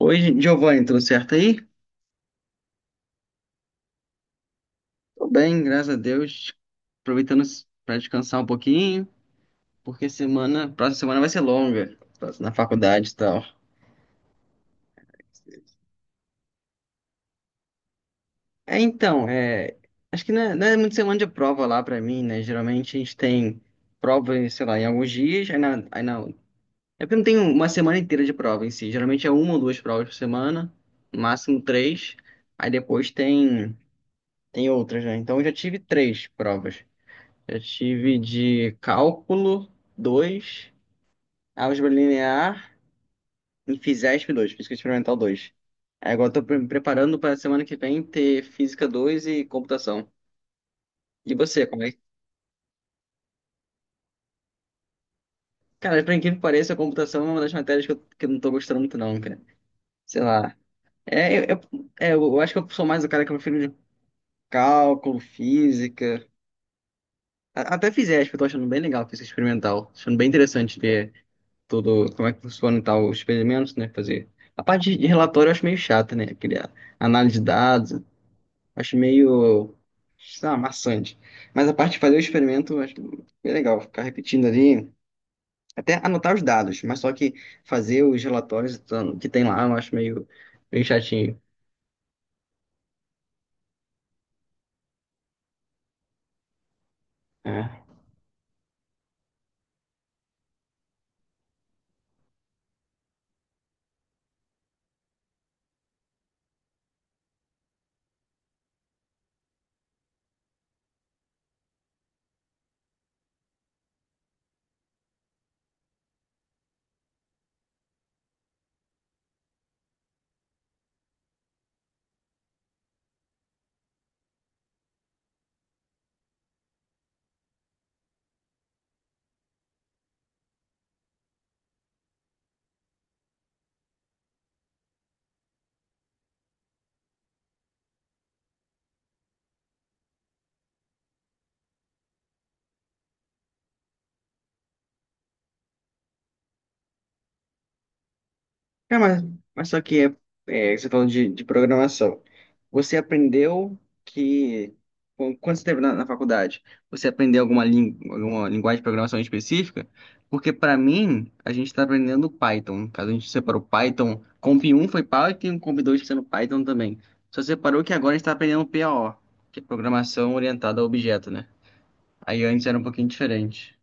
Oi, Giovanni, tudo certo aí? Tô bem, graças a Deus. Aproveitando para descansar um pouquinho, porque próxima semana vai ser longa, tô na faculdade e tal. É, então, é, acho que não é muito semana de prova lá pra mim, né? Geralmente a gente tem prova, sei lá, em alguns dias, é porque não tem uma semana inteira de prova em si. Geralmente é uma ou duas provas por semana, no máximo três, aí depois tem, tem outras, né? Então eu já tive três provas. Eu tive de cálculo dois, álgebra linear e Fisesp dois, física experimental dois. Aí agora eu tô me preparando para semana que vem ter física dois e computação. E você, como é Cara, por incrível que pareça, a computação é uma das matérias que eu não tô gostando muito não, cara. Sei lá. É, eu, eu acho que eu sou mais o cara que eu prefiro de cálculo, física. Até Fisesp, eu tô achando bem legal, física experimental. Achando bem interessante ver todo como é que funciona e tal, os experimentos, né? Fazer. A parte de relatório eu acho meio chata, né? Criar análise de dados, acho meio, sei lá, maçante. Mas a parte de fazer o experimento, eu acho bem legal, ficar repetindo ali, até anotar os dados, mas só que fazer os relatórios então, que tem lá, eu acho meio, meio chatinho. É. Cara, mas só que é, é, você falando de programação, você aprendeu que quando você esteve na, na faculdade, você aprendeu alguma, alguma linguagem de programação específica? Porque para mim, a gente está aprendendo Python. No caso, a gente separou Python, Comp um foi Python, Comp 2 está sendo Python também. Só separou que agora a gente está aprendendo PAO, que é Programação Orientada a Objeto, né? Aí antes era um pouquinho diferente.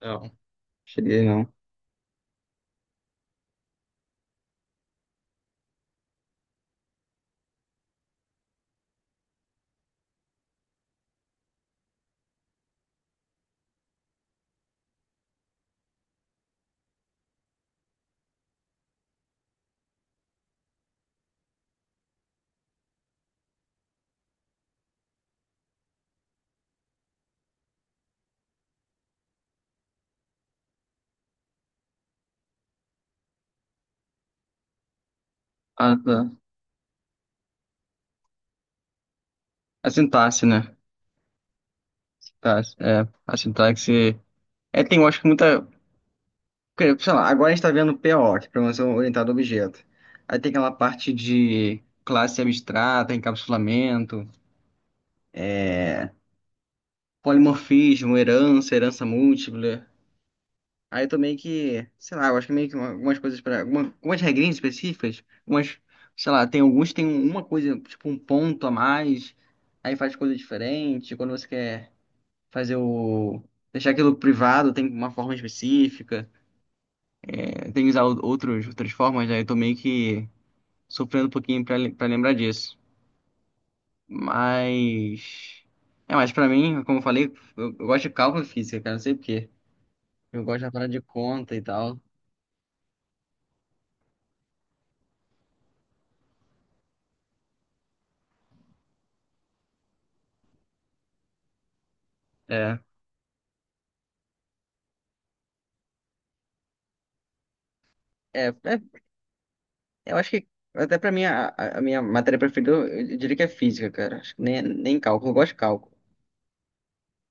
Não, cheguei não. Ah, tá. A sintaxe, né? Tá, é, a sintaxe. É, tem, eu acho que muita. Porque, sei lá, agora a gente tá vendo PO, que é Programação Orientada a Objeto. Aí tem aquela parte de classe abstrata, encapsulamento, polimorfismo, herança, herança múltipla. Aí também que, sei lá, eu acho que é meio que algumas coisas para algumas regrinhas específicas, algumas, sei lá, tem alguns que tem uma coisa, tipo um ponto a mais, aí faz coisa diferente. Quando você quer fazer o. Deixar aquilo privado, tem uma forma específica. É, tem que usar outras formas, aí eu tô meio que sofrendo um pouquinho pra lembrar disso. Mas. É, mas pra mim, como eu falei, eu gosto de cálculo e física, cara, não sei por quê. Eu gosto da parada de conta e tal. É. É, é, eu acho que até pra mim, a minha matéria preferida, eu diria que é física, cara. Acho que nem cálculo, eu gosto de cálculo.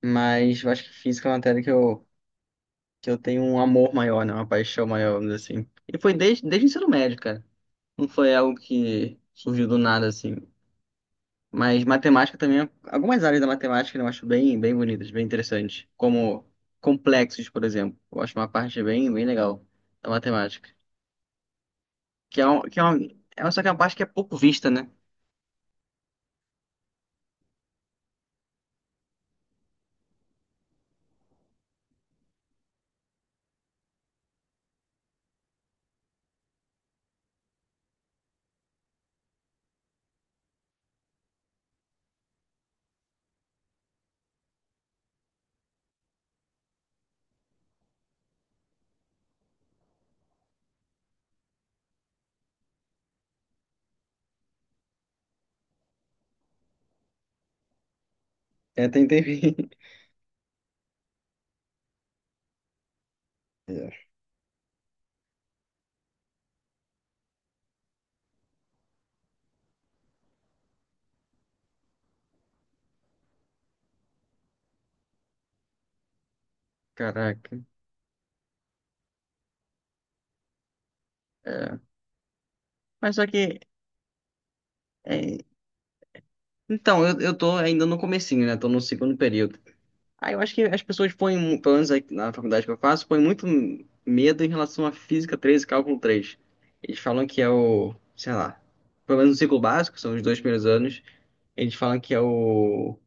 Mas eu acho que física é uma matéria que eu tenho um amor maior, né? Uma paixão maior, vamos dizer assim. E foi desde o ensino médio, cara. Não foi algo que surgiu do nada, assim. Mas matemática também, é algumas áreas da matemática né, eu acho bem, bem bonitas, bem interessantes, como complexos, por exemplo. Eu acho uma parte bem, bem legal da matemática, que é um, que é um, é só que é uma parte que é pouco vista, né? É, tem, tem... É. Caraca, é. Mas só que, é, então, eu tô ainda no comecinho, né? Tô no segundo período. Ah, eu acho que as pessoas põem, pelo menos aqui na faculdade que eu faço, põem muito medo em relação à física 3 e cálculo 3. Eles falam que é o, sei lá, pelo menos no ciclo básico, são os dois primeiros anos, eles falam que é o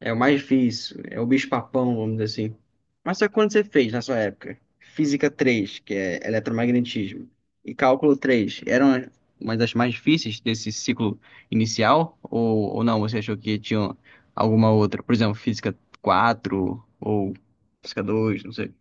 é o mais difícil, é o bicho-papão, vamos dizer assim. Mas só que quando você fez na sua época? Física 3, que é eletromagnetismo, e cálculo três eram uma das mais difíceis desse ciclo inicial? Ou não, você achou que tinha alguma outra? Por exemplo, física 4 ou física 2? Não sei.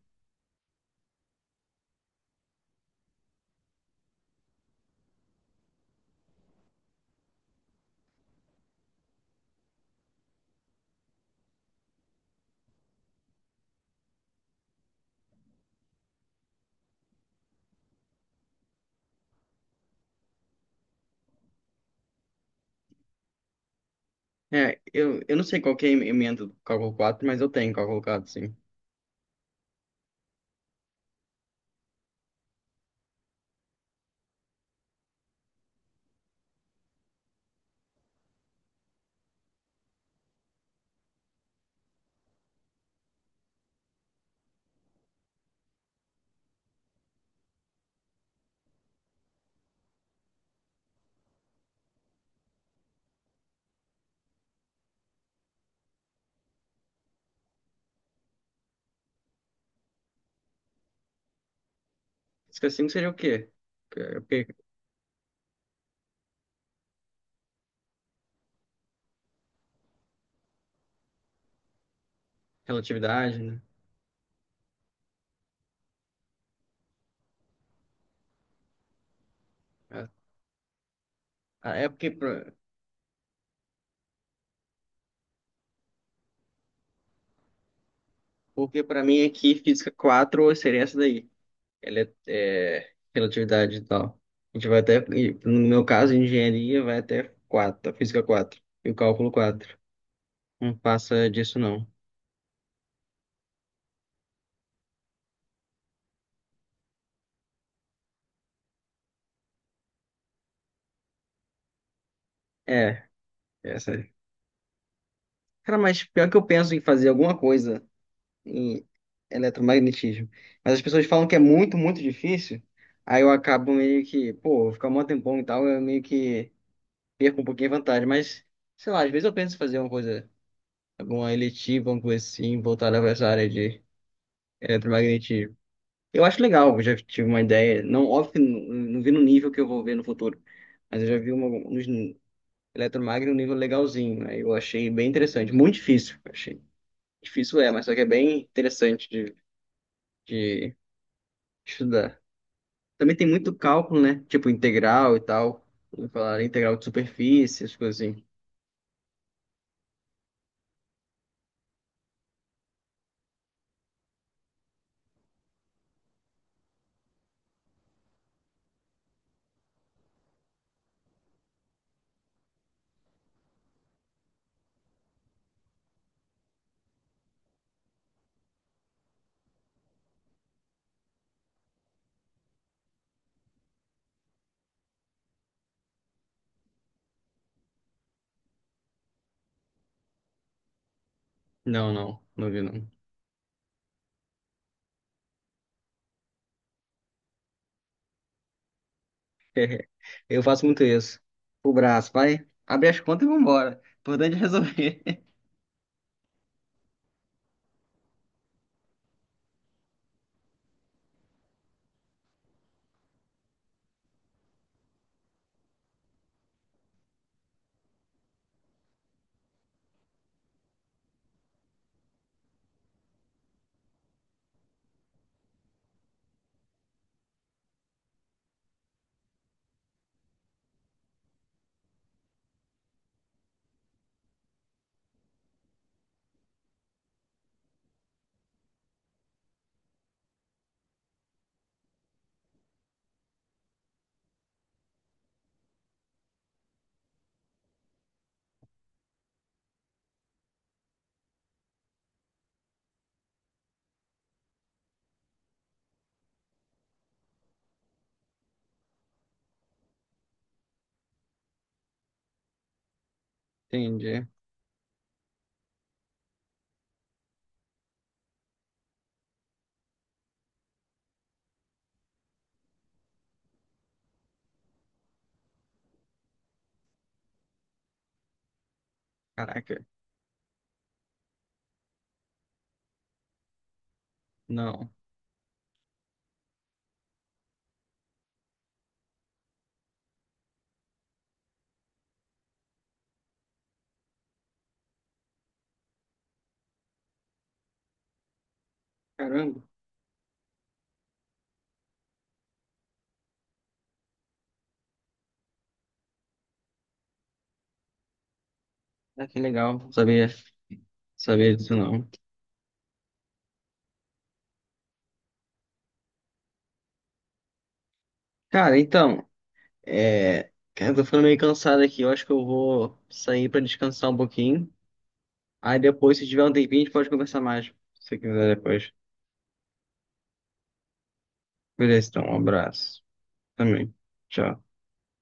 É, eu não sei qual que é a emenda do cálculo 4, mas eu tenho cálculo 4, sim. Física 5 seria o quê? Que- que- Relatividade, né? É, ah, é porque... Porque pra mim aqui, física 4 seria essa daí. Ela é, é, relatividade e tal. A gente vai até, e no meu caso, engenharia vai até quatro, a física 4 e o cálculo quatro. Não passa disso, não. É, é essa aí. Cara, mas pior que eu penso em fazer alguma coisa em eletromagnetismo. Mas as pessoas falam que é muito, muito difícil. Aí eu acabo meio que, pô, vou ficar um tempão e tal, eu meio que perco um pouquinho a vantagem. Mas, sei lá, às vezes eu penso em fazer uma coisa, alguma eletiva, alguma coisa assim, voltada para essa área de eletromagnetismo. Eu acho legal, eu já tive uma ideia, não, óbvio que não, não vi no nível que eu vou ver no futuro, mas eu já vi uma, uns eletromagno um nível legalzinho, aí eu achei bem interessante, muito difícil, eu achei. Difícil é, mas só que é bem interessante de estudar. Também tem muito cálculo, né? Tipo integral e tal, falar integral de superfície, as coisas assim. Não, não, não vi não. Eu faço muito isso. O braço, vai, abre as contas e vambora. Importante é resolver. Entendi. Caraca, não. Caramba, ah, que legal. Sabia, sabia disso não. Cara, então, é. Cara, eu tô ficando meio cansado aqui. Eu acho que eu vou sair pra descansar um pouquinho. Aí depois, se tiver um tempinho, a gente pode conversar mais. Se você quiser depois. Beleza, então, um abraço. Também. Tchau.